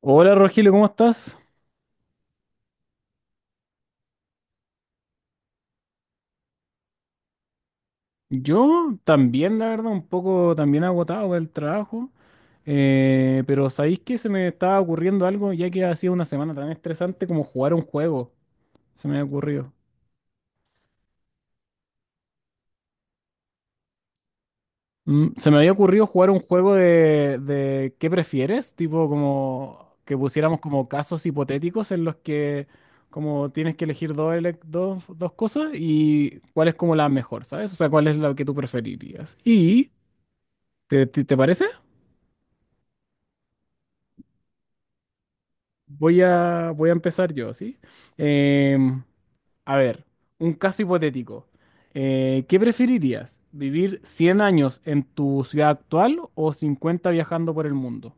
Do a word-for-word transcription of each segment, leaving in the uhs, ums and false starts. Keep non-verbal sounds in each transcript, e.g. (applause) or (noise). Hola Rogelio, ¿cómo estás? Yo también, la verdad, un poco también agotado por el trabajo, eh, pero ¿sabéis que se me estaba ocurriendo algo ya que ha sido una semana tan estresante como jugar un juego? Se me había ocurrido. Mm, se me había ocurrido jugar un juego de, de ¿qué prefieres? Tipo como que pusiéramos como casos hipotéticos en los que como tienes que elegir dos, ele- dos, dos cosas y cuál es como la mejor, ¿sabes? O sea, cuál es la que tú preferirías. ¿Y te te- te parece? Voy a, voy a empezar yo, ¿sí? Em, a ver, un caso hipotético. Eh, ¿qué preferirías? ¿Vivir cien años en tu ciudad actual o cincuenta viajando por el mundo?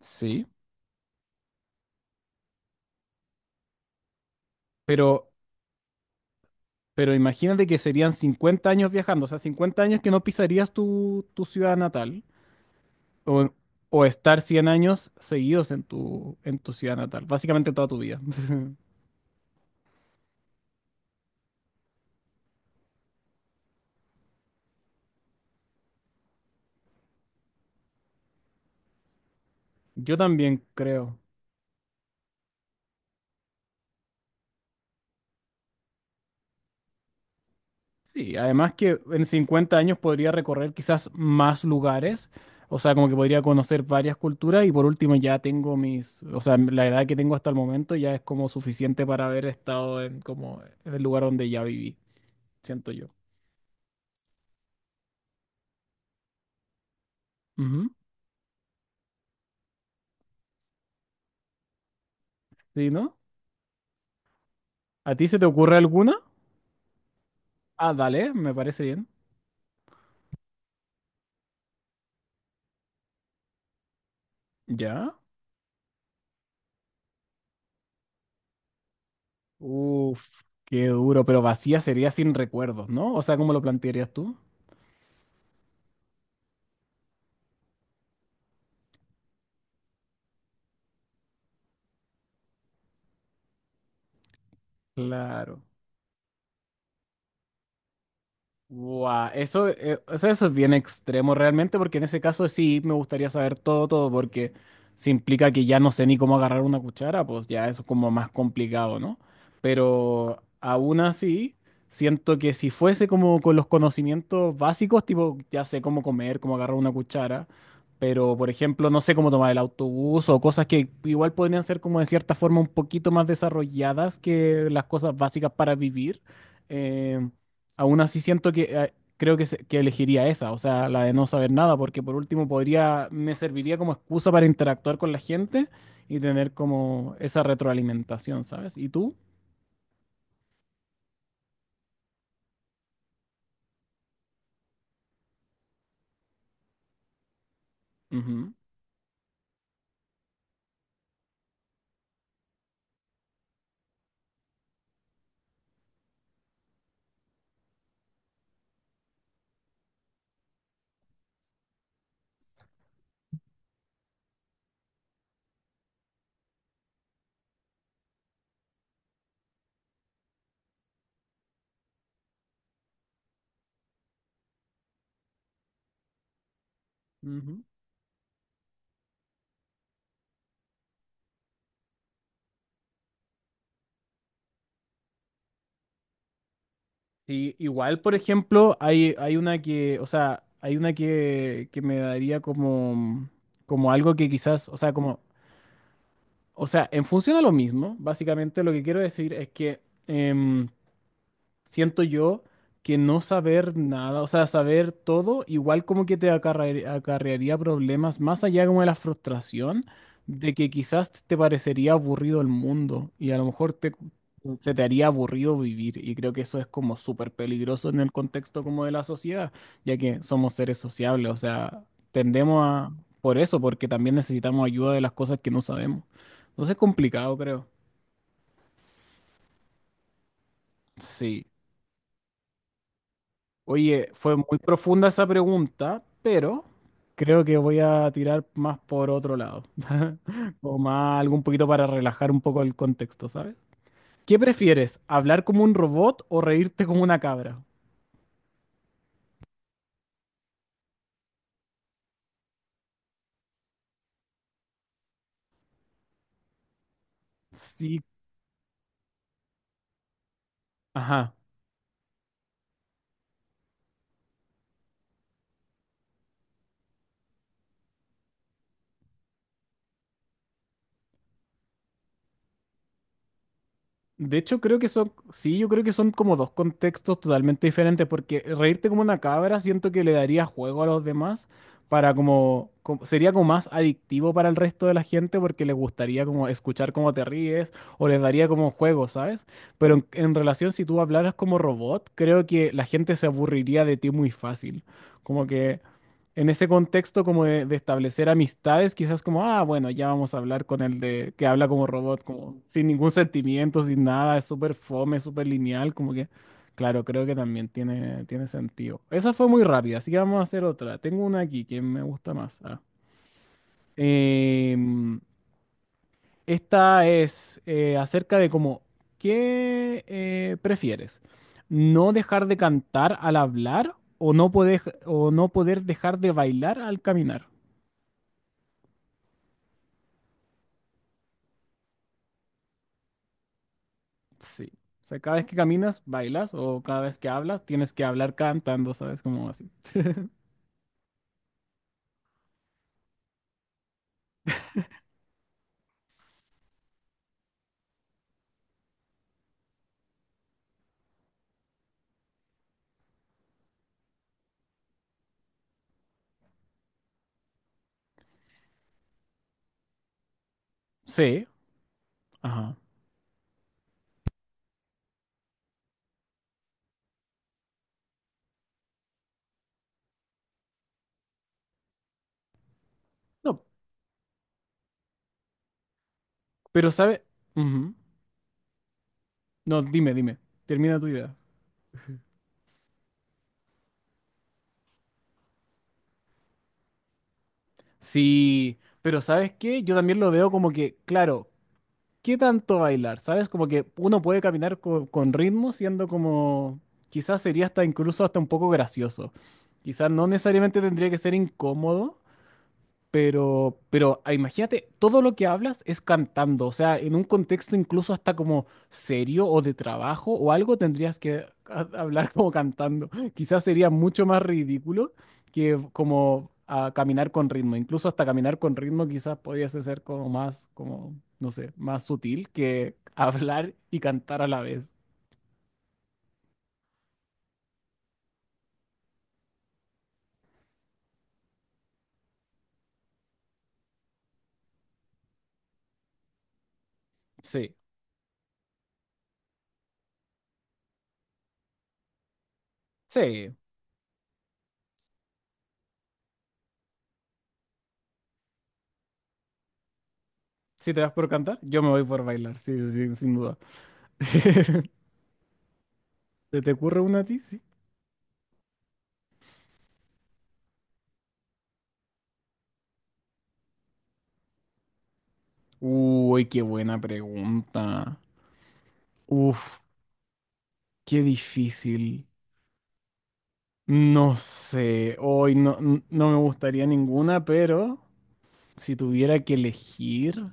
Sí, pero, pero imagínate que serían cincuenta años viajando, o sea, cincuenta años que no pisarías tu, tu ciudad natal o, o estar cien años seguidos en tu, en tu ciudad natal, básicamente toda tu vida. (laughs) Yo también creo. Sí, además que en cincuenta años podría recorrer quizás más lugares, o sea, como que podría conocer varias culturas y por último ya tengo mis, o sea, la edad que tengo hasta el momento ya es como suficiente para haber estado en como en el lugar donde ya viví, siento yo. Ujú. ¿Sí, no? ¿A ti se te ocurre alguna? Ah, dale, me parece bien. ¿Ya? Uf, qué duro, pero vacía sería sin recuerdos, ¿no? O sea, ¿cómo lo plantearías tú? Claro. Guau, eso, eh, o sea, eso es bien extremo realmente, porque en ese caso sí me gustaría saber todo, todo, porque si implica que ya no sé ni cómo agarrar una cuchara, pues ya eso es como más complicado, ¿no? Pero aún así, siento que si fuese como con los conocimientos básicos, tipo, ya sé cómo comer, cómo agarrar una cuchara, pero por ejemplo, no sé cómo tomar el autobús o cosas que igual podrían ser como de cierta forma un poquito más desarrolladas que las cosas básicas para vivir. eh, Aún así siento que eh, creo que, se- que elegiría esa, o sea, la de no saber nada, porque por último podría, me serviría como excusa para interactuar con la gente y tener como esa retroalimentación, ¿sabes? ¿Y tú? Ujú, ujú. Sí, igual, por ejemplo, hay, hay una que, o sea, hay una que, que me daría como, como algo que quizás, o sea, como, o sea, en función a lo mismo, básicamente lo que quiero decir es que... em, siento yo que no saber nada, o sea, saber todo, igual como que te acarre- acarrearía problemas, más allá como de la frustración, de que quizás te parecería aburrido el mundo y a lo mejor te, se te haría aburrido vivir. Y creo que eso es como súper peligroso en el contexto como de la sociedad, ya que somos seres sociables, o sea, tendemos a. Por eso, porque también necesitamos ayuda de las cosas que no sabemos. Entonces es complicado, creo. Sí. Oye, fue muy profunda esa pregunta, pero creo que voy a tirar más por otro lado, (laughs) o más algo un poquito para relajar un poco el contexto, ¿sabes? ¿Qué prefieres, hablar como un robot o reírte como una cabra? Sí, ajá. De hecho, creo que son, sí, yo creo que son como dos contextos totalmente diferentes, porque reírte como una cabra siento que le daría juego a los demás para como, como- sería como más adictivo para el resto de la gente porque les gustaría como escuchar cómo te ríes o les daría como juego, ¿sabes? Pero en, en relación si tú hablaras como robot, creo que la gente se aburriría de ti muy fácil. Como que en ese contexto como de, de establecer amistades, quizás como, ah, bueno, ya vamos a hablar con el de que habla como robot, como sin ningún sentimiento, sin nada, es súper fome, súper lineal, como que, claro, creo que también tiene, tiene sentido. Esa fue muy rápida, así que vamos a hacer otra. Tengo una aquí que me gusta más. Ah. Em, Esta es eh, acerca de como, ¿qué eh, prefieres? ¿No dejar de cantar al hablar o no poder, o no poder dejar de bailar al caminar? Sí. O sea, cada vez que caminas, bailas, o cada vez que hablas, tienes que hablar cantando, ¿sabes? Como así. Sí, ajá. No, pero sabes. No, dime, dime. Termina tu idea. Sí, pero ¿sabes qué? Yo también lo veo como que, claro, ¿qué tanto bailar? ¿Sabes? Como que uno puede caminar co- con ritmo siendo como, quizás sería hasta incluso hasta un poco gracioso. Quizás no necesariamente tendría que ser incómodo. Pero, pero ah, imagínate, todo lo que hablas es cantando, o sea, en un contexto incluso hasta como serio o de trabajo o algo tendrías que ha- hablar como cantando. (laughs) Quizás sería mucho más ridículo que como ah, caminar con ritmo. Incluso hasta caminar con ritmo quizás podrías ser como más, como, no sé, más sutil que (laughs) hablar y cantar a la vez. Sí, sí. Si te vas por cantar, yo me voy por bailar, sí, sí, sí, sin duda. (laughs) ¿Te te ocurre una a ti? Sí. Uy, qué buena pregunta. Uf, qué difícil. No sé, hoy no, n- no me gustaría ninguna, pero si tuviera que elegir,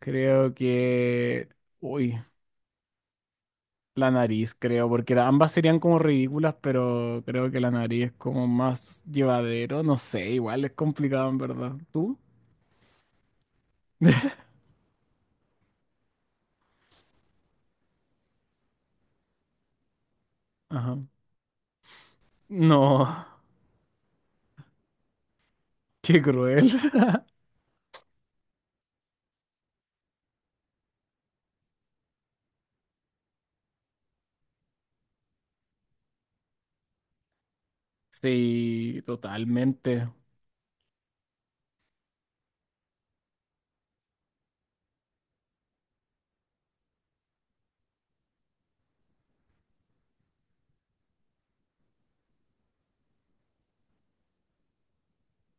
creo que. Uy, la nariz, creo, porque la- ambas serían como ridículas, pero creo que la nariz es como más llevadero. No sé, igual es complicado en verdad. ¿Tú? (laughs) Ajá. No, qué cruel. (laughs) Sí, totalmente.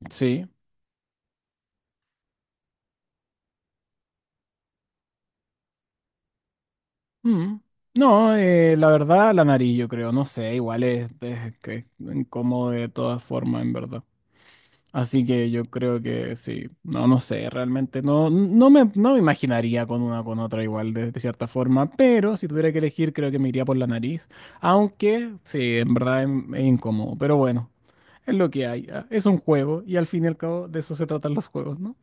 Sí. Mm. No, eh, la verdad, la nariz, yo creo, no sé, igual es, es que es incómodo de todas formas, en verdad. Así que yo creo que sí, no, no sé, realmente no, no me, no me imaginaría con una o con otra igual de, de cierta forma, pero si tuviera que elegir creo que me iría por la nariz, aunque sí, en verdad em- es incómodo, pero bueno, es lo que hay, ah, es un juego y al fin y al cabo de eso se tratan los juegos, ¿no?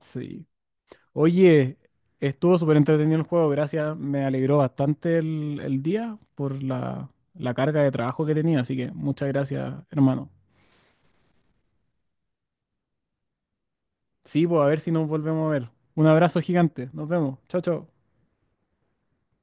Sí. Oye, estuvo súper entretenido el juego, gracias. Me alegró bastante el, el día por la, la carga de trabajo que tenía, así que muchas gracias, hermano. Sí, pues a ver si nos volvemos a ver. Un abrazo gigante, nos vemos. Chao, chao.